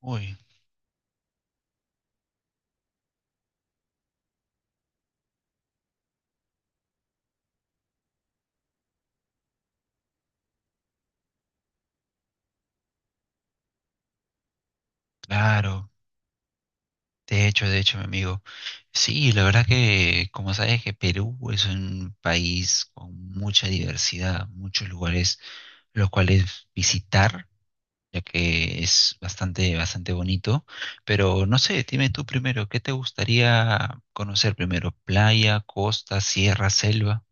Uy, claro. De hecho, mi amigo. Sí, la verdad que, como sabes, que Perú es un país con mucha diversidad, muchos lugares los cuales visitar, ya que es bastante, bastante bonito. Pero no sé, dime tú primero, ¿qué te gustaría conocer primero? ¿Playa, costa, sierra, selva?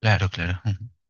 Claro, claro,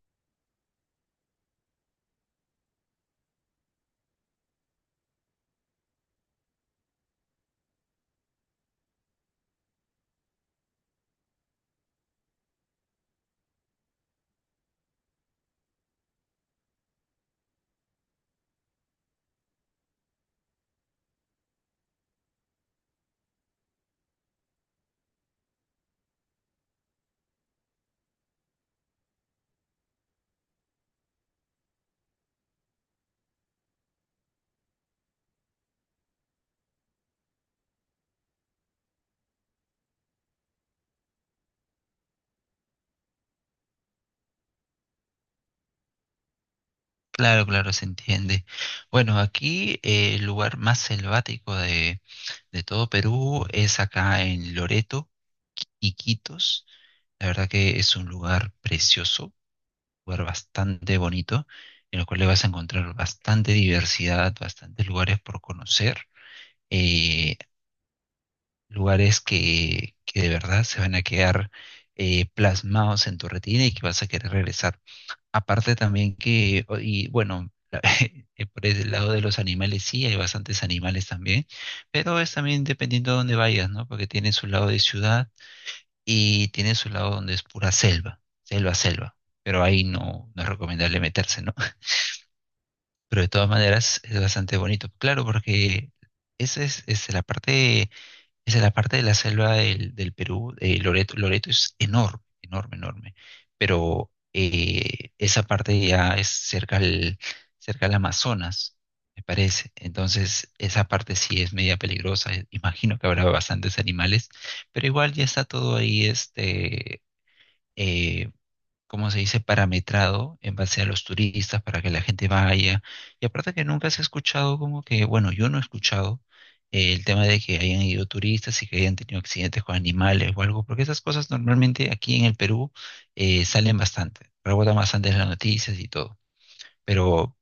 claro, claro, se entiende. Bueno, aquí el lugar más selvático de todo Perú es acá en Loreto y Quitos. La verdad que es un lugar precioso, lugar bastante bonito, en el cual le vas a encontrar bastante diversidad, bastantes lugares por conocer, eh, lugares que de verdad se van a quedar plasmados en tu retina y que vas a querer regresar. Aparte también que, y bueno, por el lado de los animales sí, hay bastantes animales también, pero es también dependiendo de dónde vayas, ¿no? Porque tiene su lado de ciudad y tiene su lado donde es pura selva, selva, selva. Pero ahí no, no es recomendable meterse, ¿no? Pero de todas maneras es bastante bonito. Claro, porque esa es la parte esa es la parte de la selva del Perú. Loreto es enorme, enorme, enorme. Pero esa parte ya es cerca al, Amazonas, me parece. Entonces, esa parte sí es media peligrosa. Imagino que habrá bastantes animales, pero igual ya está todo ahí este, eh, como se dice, parametrado en base a los turistas para que la gente vaya. Y aparte que nunca se ha escuchado como que, bueno, yo no he escuchado el tema de que hayan ido turistas y que hayan tenido accidentes con animales o algo, porque esas cosas normalmente aquí en el Perú salen bastante, rebotan bastante en las noticias y todo. Pero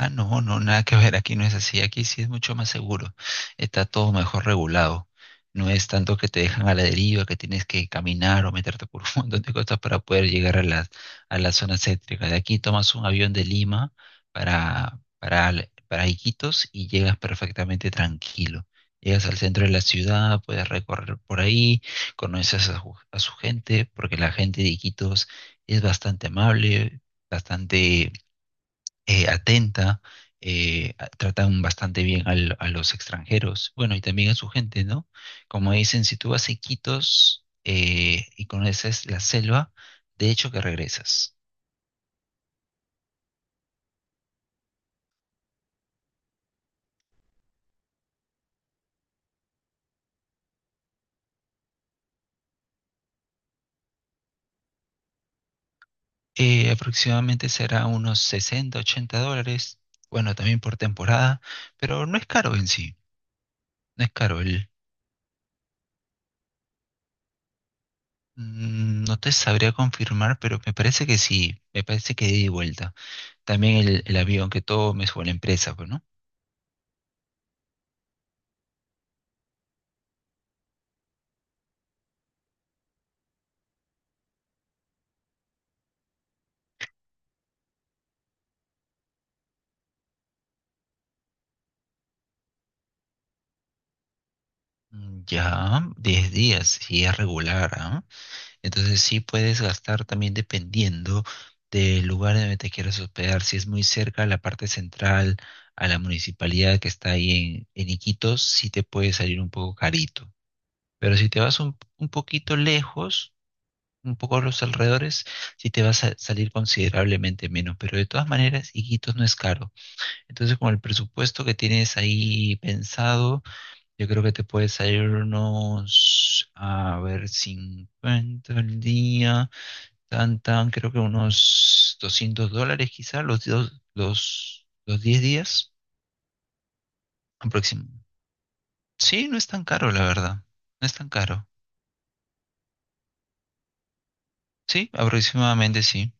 Ah, no, no, nada que ver, aquí no es así, aquí sí es mucho más seguro, está todo mejor regulado, no es tanto que te dejan a la deriva, que tienes que caminar o meterte por un montón de cosas para poder llegar a la zona céntrica. De aquí tomas un avión de Lima para Iquitos y llegas perfectamente tranquilo. Llegas al centro de la ciudad, puedes recorrer por ahí, conoces a su gente, porque la gente de Iquitos es bastante amable, bastante atenta, tratan bastante bien a los extranjeros, bueno, y también a su gente, ¿no? Como dicen, si tú vas a Iquitos y conoces la selva, de hecho que regresas. Aproximadamente será unos 60, $80, bueno, también por temporada, pero no es caro en sí, no es caro. No te sabría confirmar, pero me parece que sí, me parece que de ida y vuelta. También el, avión que tomes o la empresa, pues, ¿no? Ya, 10 días, y es regular, ¿ah? Entonces sí puedes gastar también dependiendo del lugar donde te quieras hospedar. Si es muy cerca a la parte central, a la municipalidad que está ahí en, Iquitos, sí te puede salir un poco carito. Pero si te vas un poquito lejos, un poco a los alrededores, sí te va a salir considerablemente menos. Pero de todas maneras, Iquitos no es caro. Entonces, con el presupuesto que tienes ahí pensado, yo creo que te puede salir unos, a ver, 50 al día, creo que unos $200 quizá, los 10 días aproximadamente. Sí, no es tan caro, la verdad. No es tan caro. Sí, aproximadamente sí.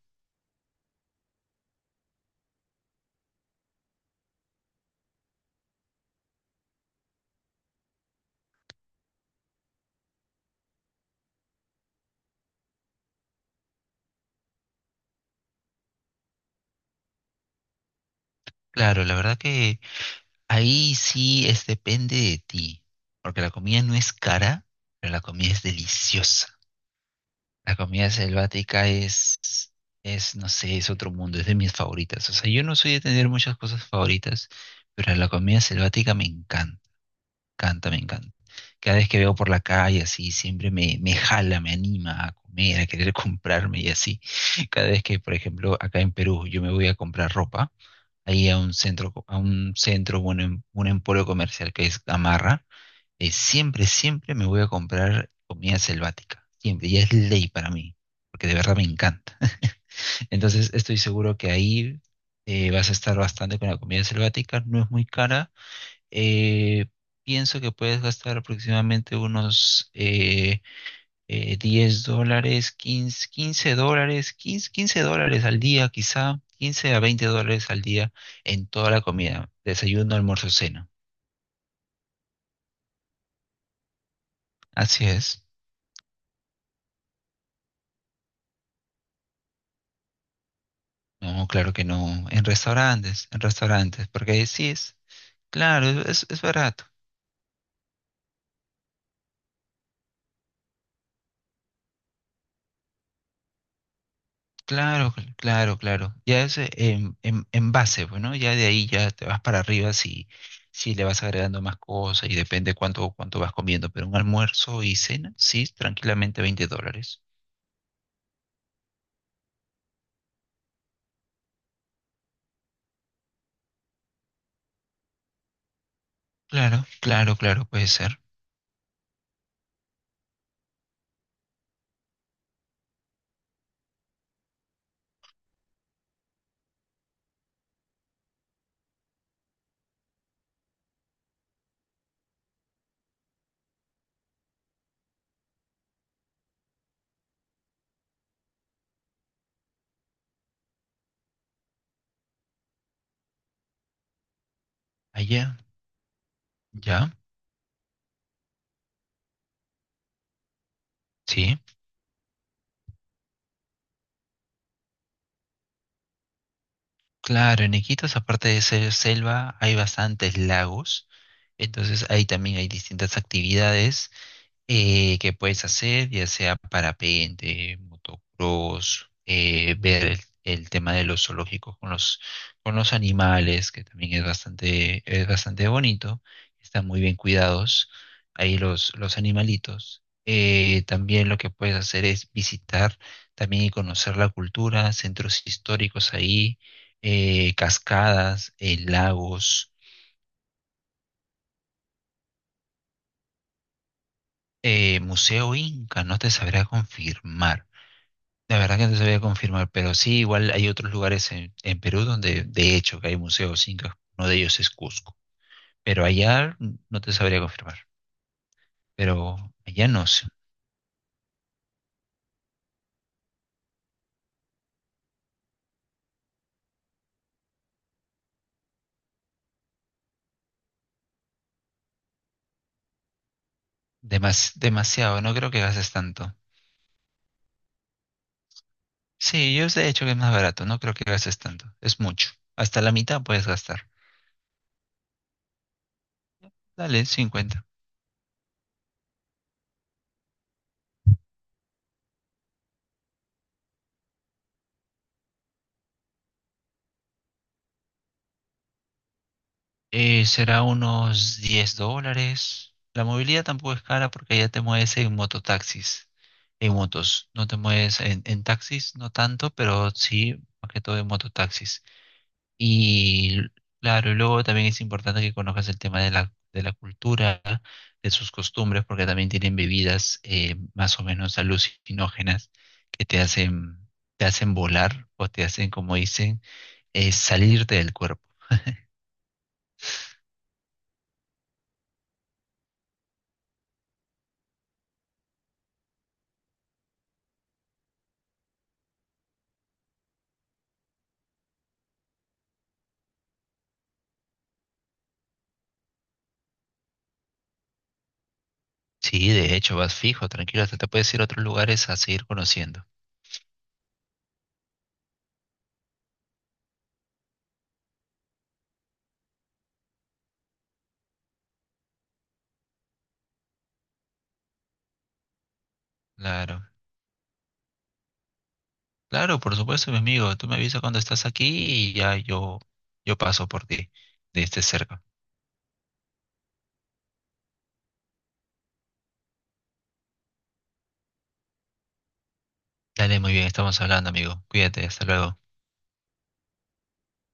Claro, la verdad que ahí sí es depende de ti, porque la comida no es cara, pero la comida es deliciosa. La comida selvática es, no sé, es otro mundo, es de mis favoritas. O sea, yo no soy de tener muchas cosas favoritas, pero la comida selvática me encanta, encanta, me encanta. Cada vez que veo por la calle así, siempre me jala, me anima a comer, a querer comprarme y así. Cada vez que, por ejemplo, acá en Perú yo me voy a comprar ropa, ahí a un centro, a un centro, bueno, un emporio comercial que es Gamarra, siempre, siempre me voy a comprar comida selvática. Siempre, y es ley para mí, porque de verdad me encanta. Entonces estoy seguro que ahí vas a estar bastante con la comida selvática, no es muy cara. Eh, Pienso que puedes gastar aproximadamente unos $10, 15 $15, 15 $15 al día quizá, 15 a 20 dólares al día en toda la comida, desayuno, almuerzo, cena. Así es. No, claro que no. En restaurantes, porque ahí sí es. Claro, es barato. Claro, claro, claro. Ya es en, base, bueno, ya de ahí ya te vas para arriba si, le vas agregando más cosas y depende cuánto vas comiendo, pero un almuerzo y cena, sí, tranquilamente $20. Claro, claro, claro, puede ser. Allá, ya, sí. Claro, en Iquitos, aparte de ser selva, hay bastantes lagos, entonces ahí también hay distintas actividades que puedes hacer, ya sea parapente, motocross, ver el, tema de los zoológicos con los animales, que también es bastante bonito, están muy bien cuidados ahí los animalitos. También lo que puedes hacer es visitar también y conocer la cultura, centros históricos ahí, cascadas, lagos, Museo Inca, no te sabrá confirmar. La verdad que no sabía confirmar, pero sí, igual hay otros lugares en Perú donde de hecho que hay museos incas, uno de ellos es Cusco, pero allá no te sabría confirmar, pero allá no sé. Demasiado, no creo que gastes tanto. Sí, yo de hecho que es más barato, no creo que gastes tanto, es mucho, hasta la mitad puedes gastar. Dale, 50. Será unos $10. La movilidad tampoco es cara porque allá te mueves en mototaxis, en motos. No te mueves en, taxis, no tanto, pero sí, más que todo en mototaxis. Y claro, y luego también es importante que conozcas el tema de la cultura, de sus costumbres, porque también tienen bebidas más o menos alucinógenas que te hacen volar o te hacen, como dicen, salirte del cuerpo. Sí, de hecho, vas fijo, tranquilo, hasta te puedes ir a otros lugares a seguir conociendo. Claro, claro, por supuesto, mi amigo. Tú me avisas cuando estás aquí y ya yo, paso por ti, de este cerca. Dale, muy bien, estamos hablando, amigo. Cuídate, hasta luego.